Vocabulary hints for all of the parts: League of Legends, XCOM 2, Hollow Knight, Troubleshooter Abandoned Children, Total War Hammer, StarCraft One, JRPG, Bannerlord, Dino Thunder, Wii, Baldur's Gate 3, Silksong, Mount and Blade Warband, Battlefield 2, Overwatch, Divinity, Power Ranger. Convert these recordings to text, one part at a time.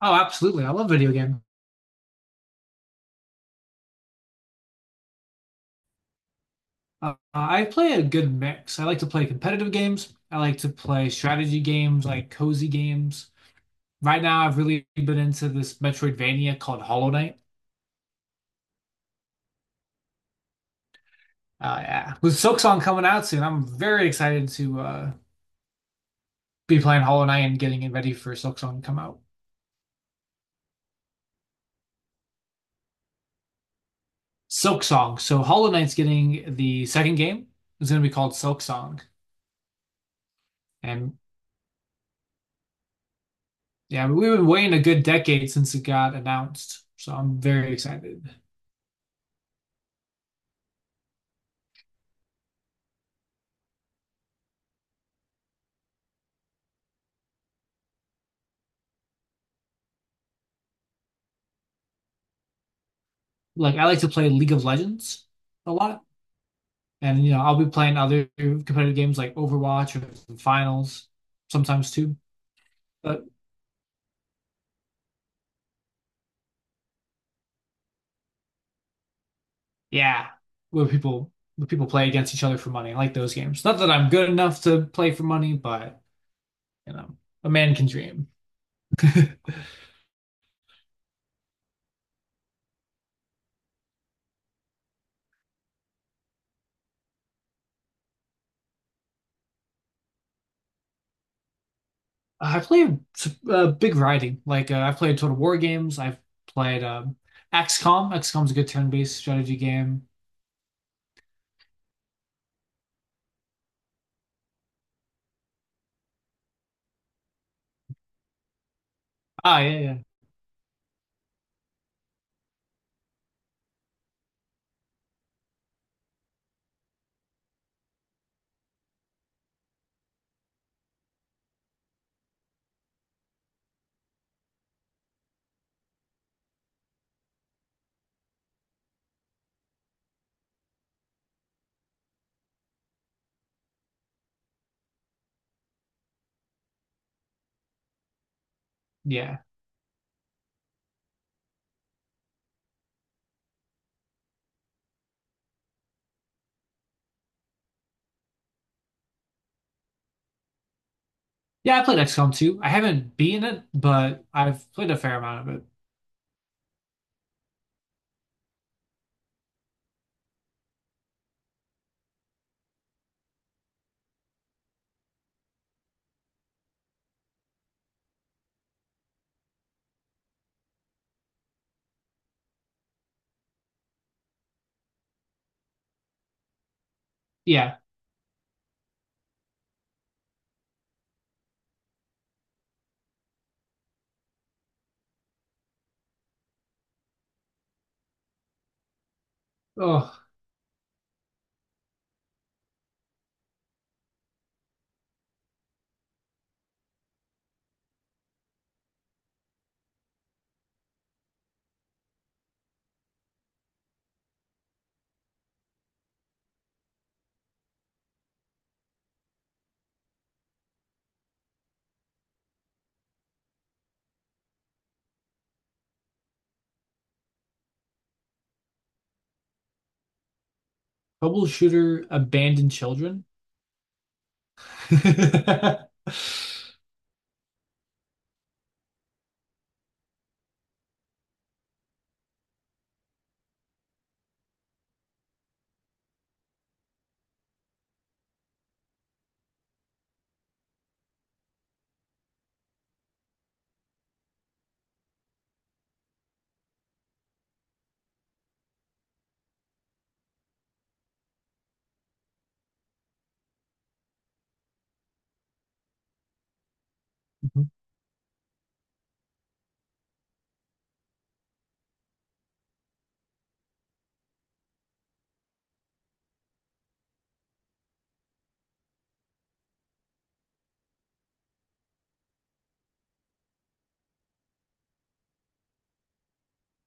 Oh, absolutely. I love video game. I play a good mix. I like to play competitive games. I like to play strategy games, like cozy games. Right now, I've really been into this Metroidvania called Hollow Knight. Yeah. With Silksong coming out soon, I'm very excited to be playing Hollow Knight and getting it ready for Silksong to come out. Silksong. So Hollow Knight's getting the second game. It's going to be called Silksong. And yeah, we've been waiting a good decade since it got announced. So I'm very excited. Like I like to play League of Legends a lot. And you know, I'll be playing other competitive games like Overwatch or finals sometimes too. But yeah, where people play against each other for money. I like those games. Not that I'm good enough to play for money, but you know, a man can dream. I play big variety. Like I've played Total War games. I've played XCOM. XCOM's a good turn-based strategy game. Ah, yeah, yeah, yeah. Yeah, I played XCOM 2. I haven't beaten it, but I've played a fair amount of it. Yeah. Oh, troubleshooter abandoned children.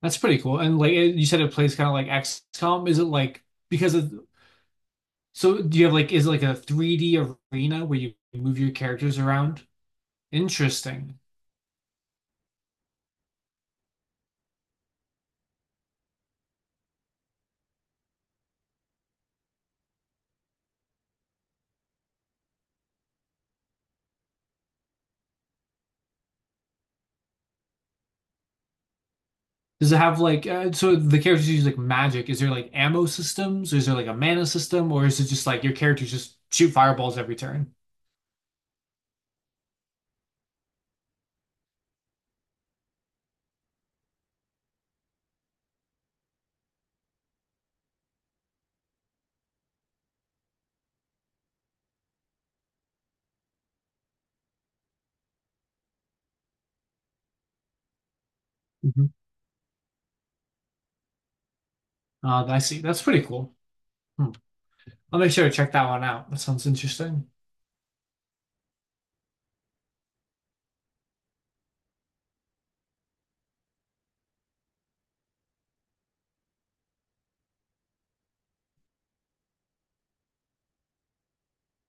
That's pretty cool. And like you said, it plays kind of like XCOM. Is it like because of so do you have like is it like a 3D arena where you move your characters around? Interesting. Does it have like so the characters use like magic? Is there like ammo systems? Is there like a mana system, or is it just like your characters just shoot fireballs every turn? I see. That's pretty cool. Hmm. I'll make sure to check that one out. That sounds interesting.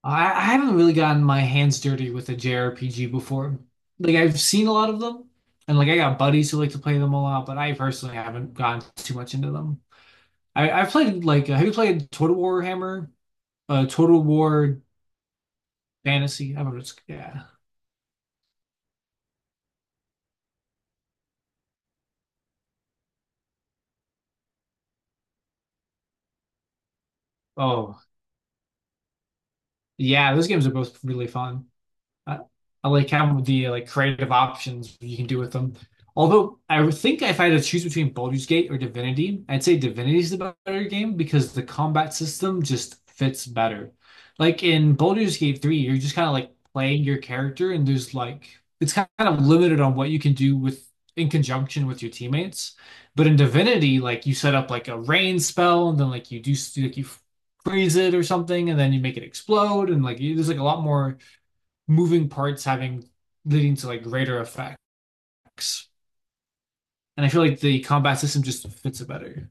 I haven't really gotten my hands dirty with a JRPG before. Like I've seen a lot of them, and like I got buddies who like to play them a lot, but I personally haven't gotten too much into them. I've played like have you played Total War Hammer? Total War Fantasy. I don't know. It's, yeah. Oh, yeah. Those games are both really fun. I, I like having the like creative options you can do with them. Although I would think if I had to choose between Baldur's Gate or Divinity, I'd say Divinity is the better game because the combat system just fits better. Like in Baldur's Gate 3, you're just kind of like playing your character and there's like it's kind of limited on what you can do with in conjunction with your teammates. But in Divinity, like you set up like a rain spell and then like you do like you freeze it or something and then you make it explode and like you, there's like a lot more moving parts having leading to like greater effects. And I feel like the combat system just fits it better.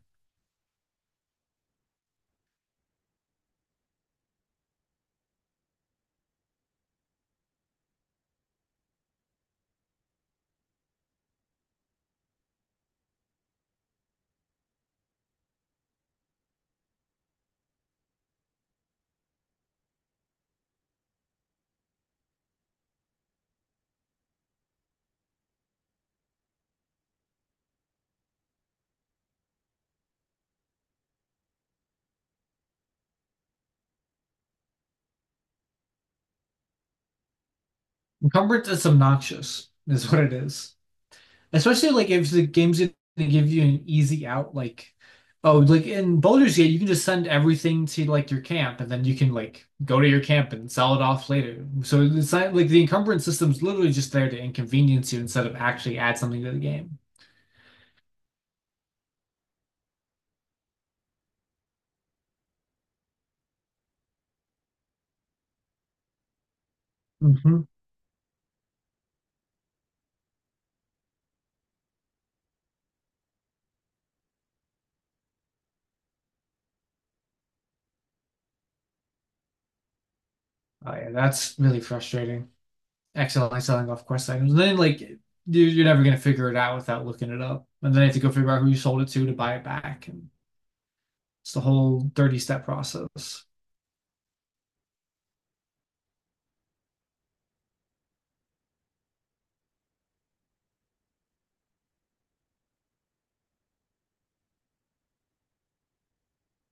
Encumbrance is obnoxious, is what it is. Especially like if the game's gonna give you an easy out, like oh, like in Baldur's Gate, you can just send everything to like your camp, and then you can like go to your camp and sell it off later. So it's not like the encumbrance system's literally just there to inconvenience you instead of actually add something to the game. Hmm. Oh yeah, that's really frustrating. Accidentally selling off quest items. And then like are never gonna figure it out without looking it up, and then you have to go figure out who you sold it to buy it back, and it's the whole 30 step process.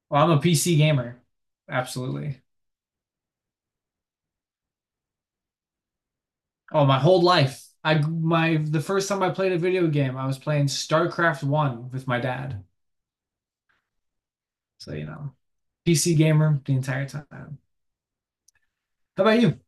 Well, I'm a PC gamer, absolutely. Oh, my whole life. I my The first time I played a video game, I was playing StarCraft One with my dad. So you know, PC gamer the entire time. How about you?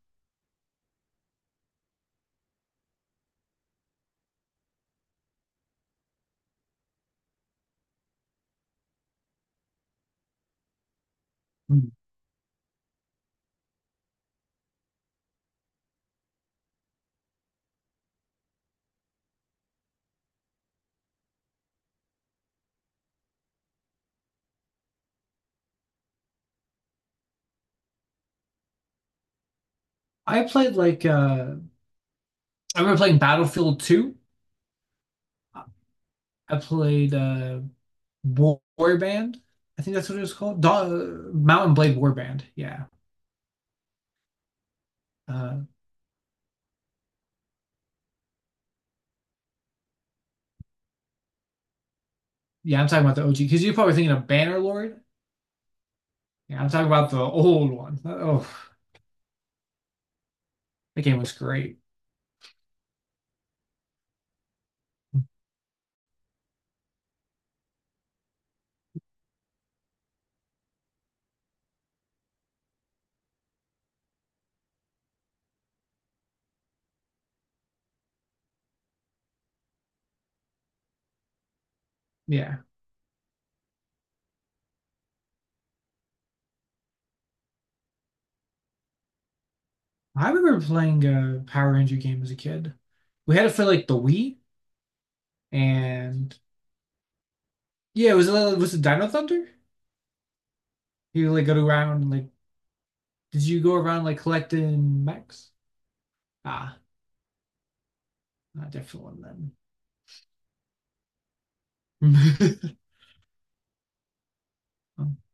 I played like I remember playing Battlefield 2. I played War Warband. I think that's what it was called. Da Mountain Blade Warband. Yeah. Uh, yeah, I'm talking about the OG because you're probably thinking of Bannerlord. Yeah, I'm talking about the old one. Oh, that game was great. Yeah. I remember playing a Power Ranger game as a kid. We had it for like the Wii, and yeah, it was a Dino Thunder. You like go around like Did you go around like collecting mechs? Ah, not a different one then.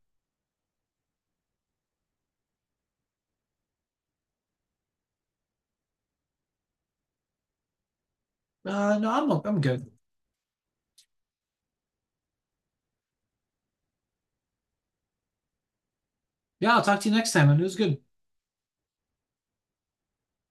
No, I'm good. Yeah, I'll talk to you next time, and it was good.